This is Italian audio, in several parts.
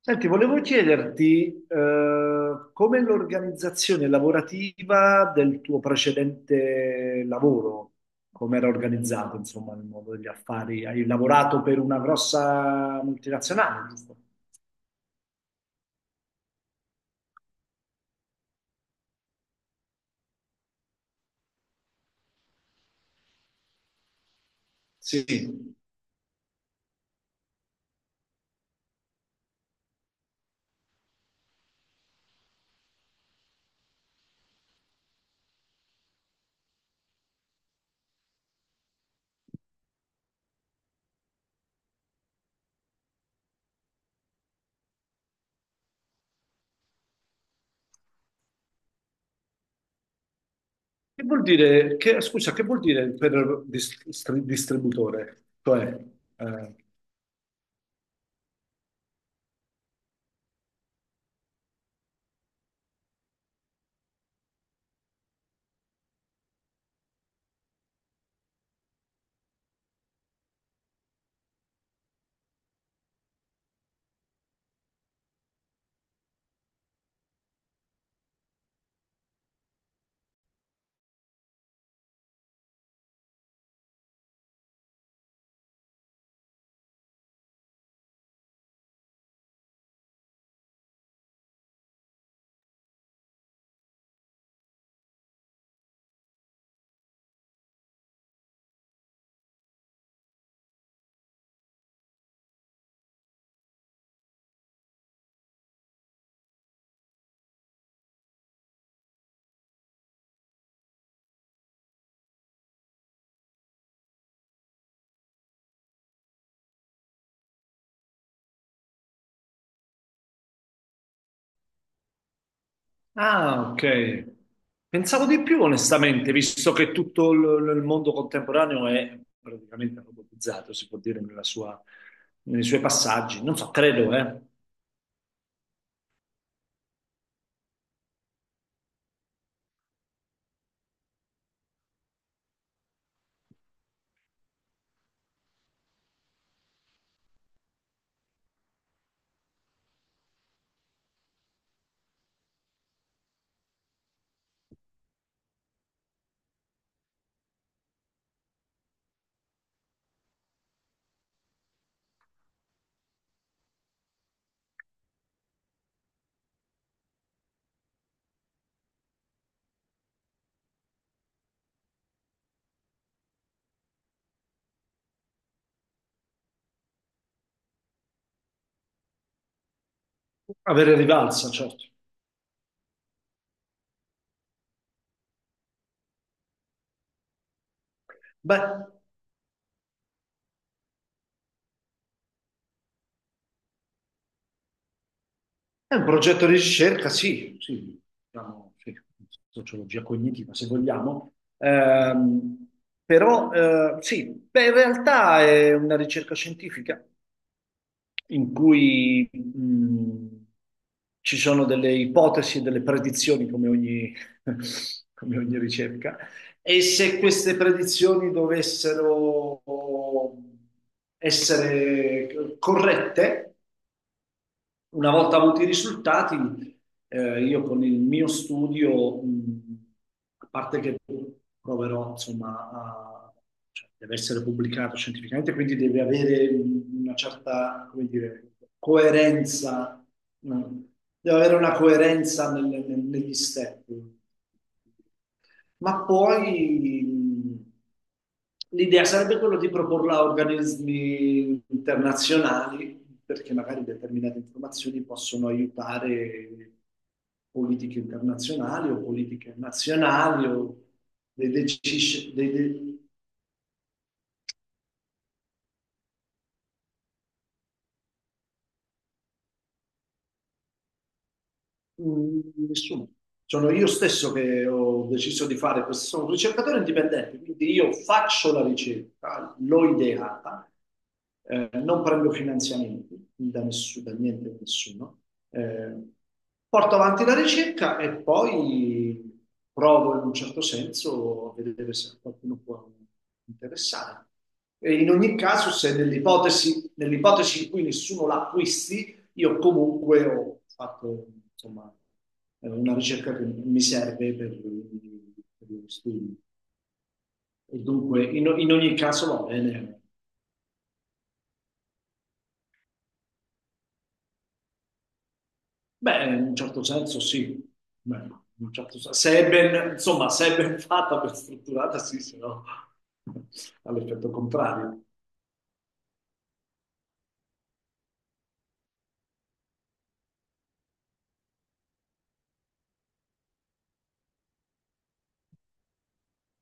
Senti, volevo chiederti, com'è l'organizzazione lavorativa del tuo precedente lavoro? Com'era organizzato, insomma, nel mondo degli affari? Hai lavorato per una grossa multinazionale, giusto? Sì. Che vuol dire, scusa, che vuol dire per distributore? Cioè, eh. Ah, ok. Pensavo di più, onestamente, visto che il mondo contemporaneo è praticamente robotizzato, si può dire, nei suoi passaggi. Non so, credo, eh. Avere rivalsa, certo. Beh, è un progetto di ricerca, sì, sì, diciamo, sì, sociologia cognitiva, se vogliamo. Ehm, Però, sì, beh, in realtà è una ricerca scientifica, in cui ci sono delle ipotesi e delle predizioni, come ogni, come ogni ricerca, e se queste predizioni dovessero essere corrette, una volta avuti i risultati, io con il mio studio, a parte che proverò, insomma, cioè, deve essere pubblicato scientificamente, quindi deve avere una certa, come dire, coerenza. mh, Deve avere una coerenza negli step, ma poi l'idea sarebbe quella di proporla a organismi internazionali, perché magari determinate informazioni possono aiutare politiche internazionali o politiche nazionali o dei, mm, nessuno. Sono io stesso che ho deciso di fare questo. Sono un ricercatore indipendente, quindi io faccio la ricerca, l'ho ideata, non prendo finanziamenti da nessuno, da niente, da nessuno. Eh, porto avanti la ricerca e poi provo in un certo senso a vedere se a qualcuno può interessare. E in ogni caso, se nell'ipotesi in cui nessuno l'acquisti, io comunque ho fatto, insomma, una ricerca che mi serve per lo studio. E dunque, in ogni caso va bene. Beh, in un certo senso sì. Beh, in un certo sen- se è ben, insomma, se è ben fatta, ben strutturata, sì, se no ha l'effetto contrario.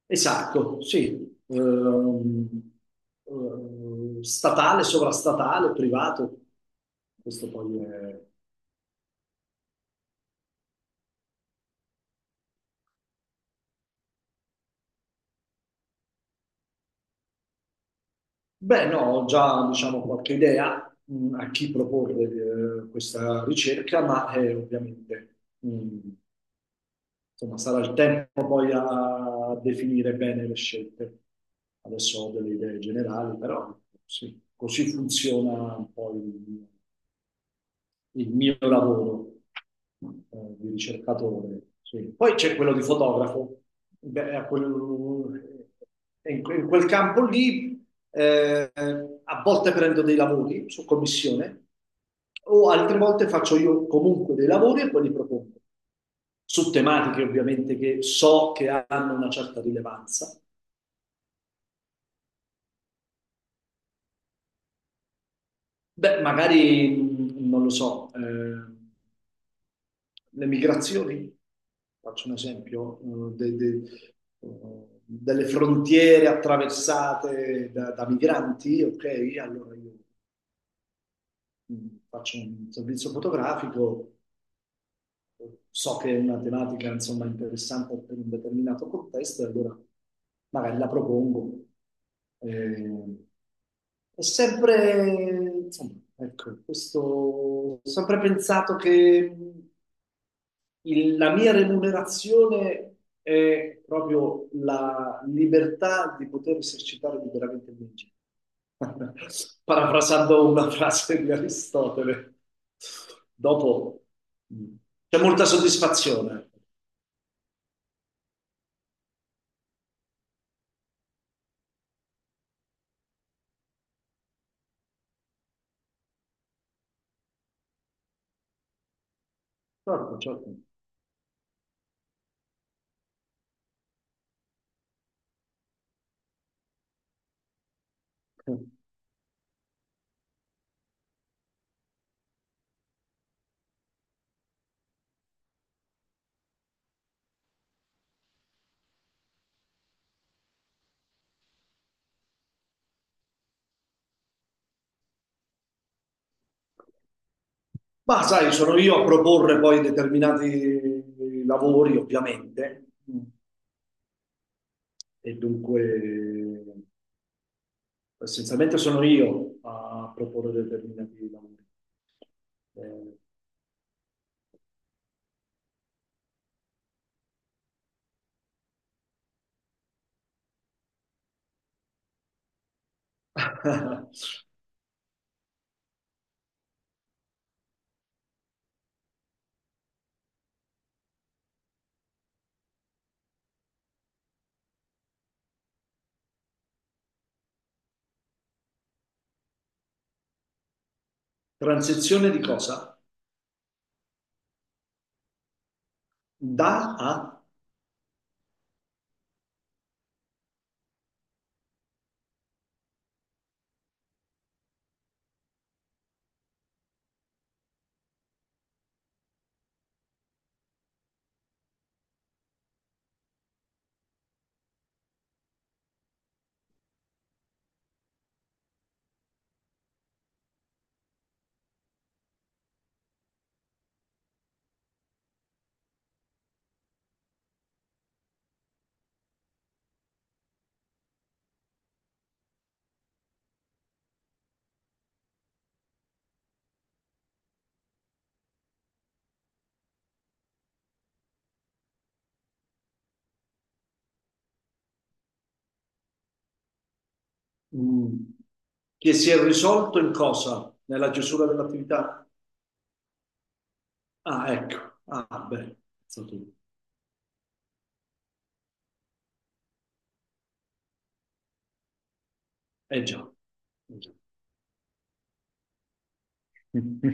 Esatto, sì. Statale, sovrastatale, privato. Questo poi è... Beh, no, ho già, diciamo, qualche idea a chi proporre questa ricerca, ma ovviamente, insomma, sarà il tempo poi a definire bene le scelte. Adesso ho delle idee generali, però sì, così funziona un po' il mio lavoro eh, di ricercatore. Sì. Poi c'è quello di fotografo. Beh, a quel- in quel campo lì a volte prendo dei lavori su commissione o altre volte faccio io comunque dei lavori e poi li propongo su tematiche ovviamente che so che hanno una certa rilevanza. Beh, magari non lo so. Eh, le migrazioni, faccio un esempio, delle frontiere attraversate da, da migranti, ok? Allora io faccio un servizio fotografico, so che è una tematica insomma interessante per un determinato contesto, e allora magari la propongo. Eh, è sempre, insomma, ecco, questo, ho sempre pensato che la mia remunerazione è proprio la libertà di poter esercitare liberamente il mio genio. Parafrasando una frase di Aristotele. Dopo mh, c'è molta soddisfazione. Certo, certo. Ma sai, sono io a proporre poi determinati lavori, ovviamente. Mm. E dunque essenzialmente sono io a proporre determinati lavori. Eh. Transizione di cosa? Da a... mm, che si è risolto in cosa? Nella chiusura dell'attività? Ah, ecco. Ah, beh, stato- eh già. Eh già.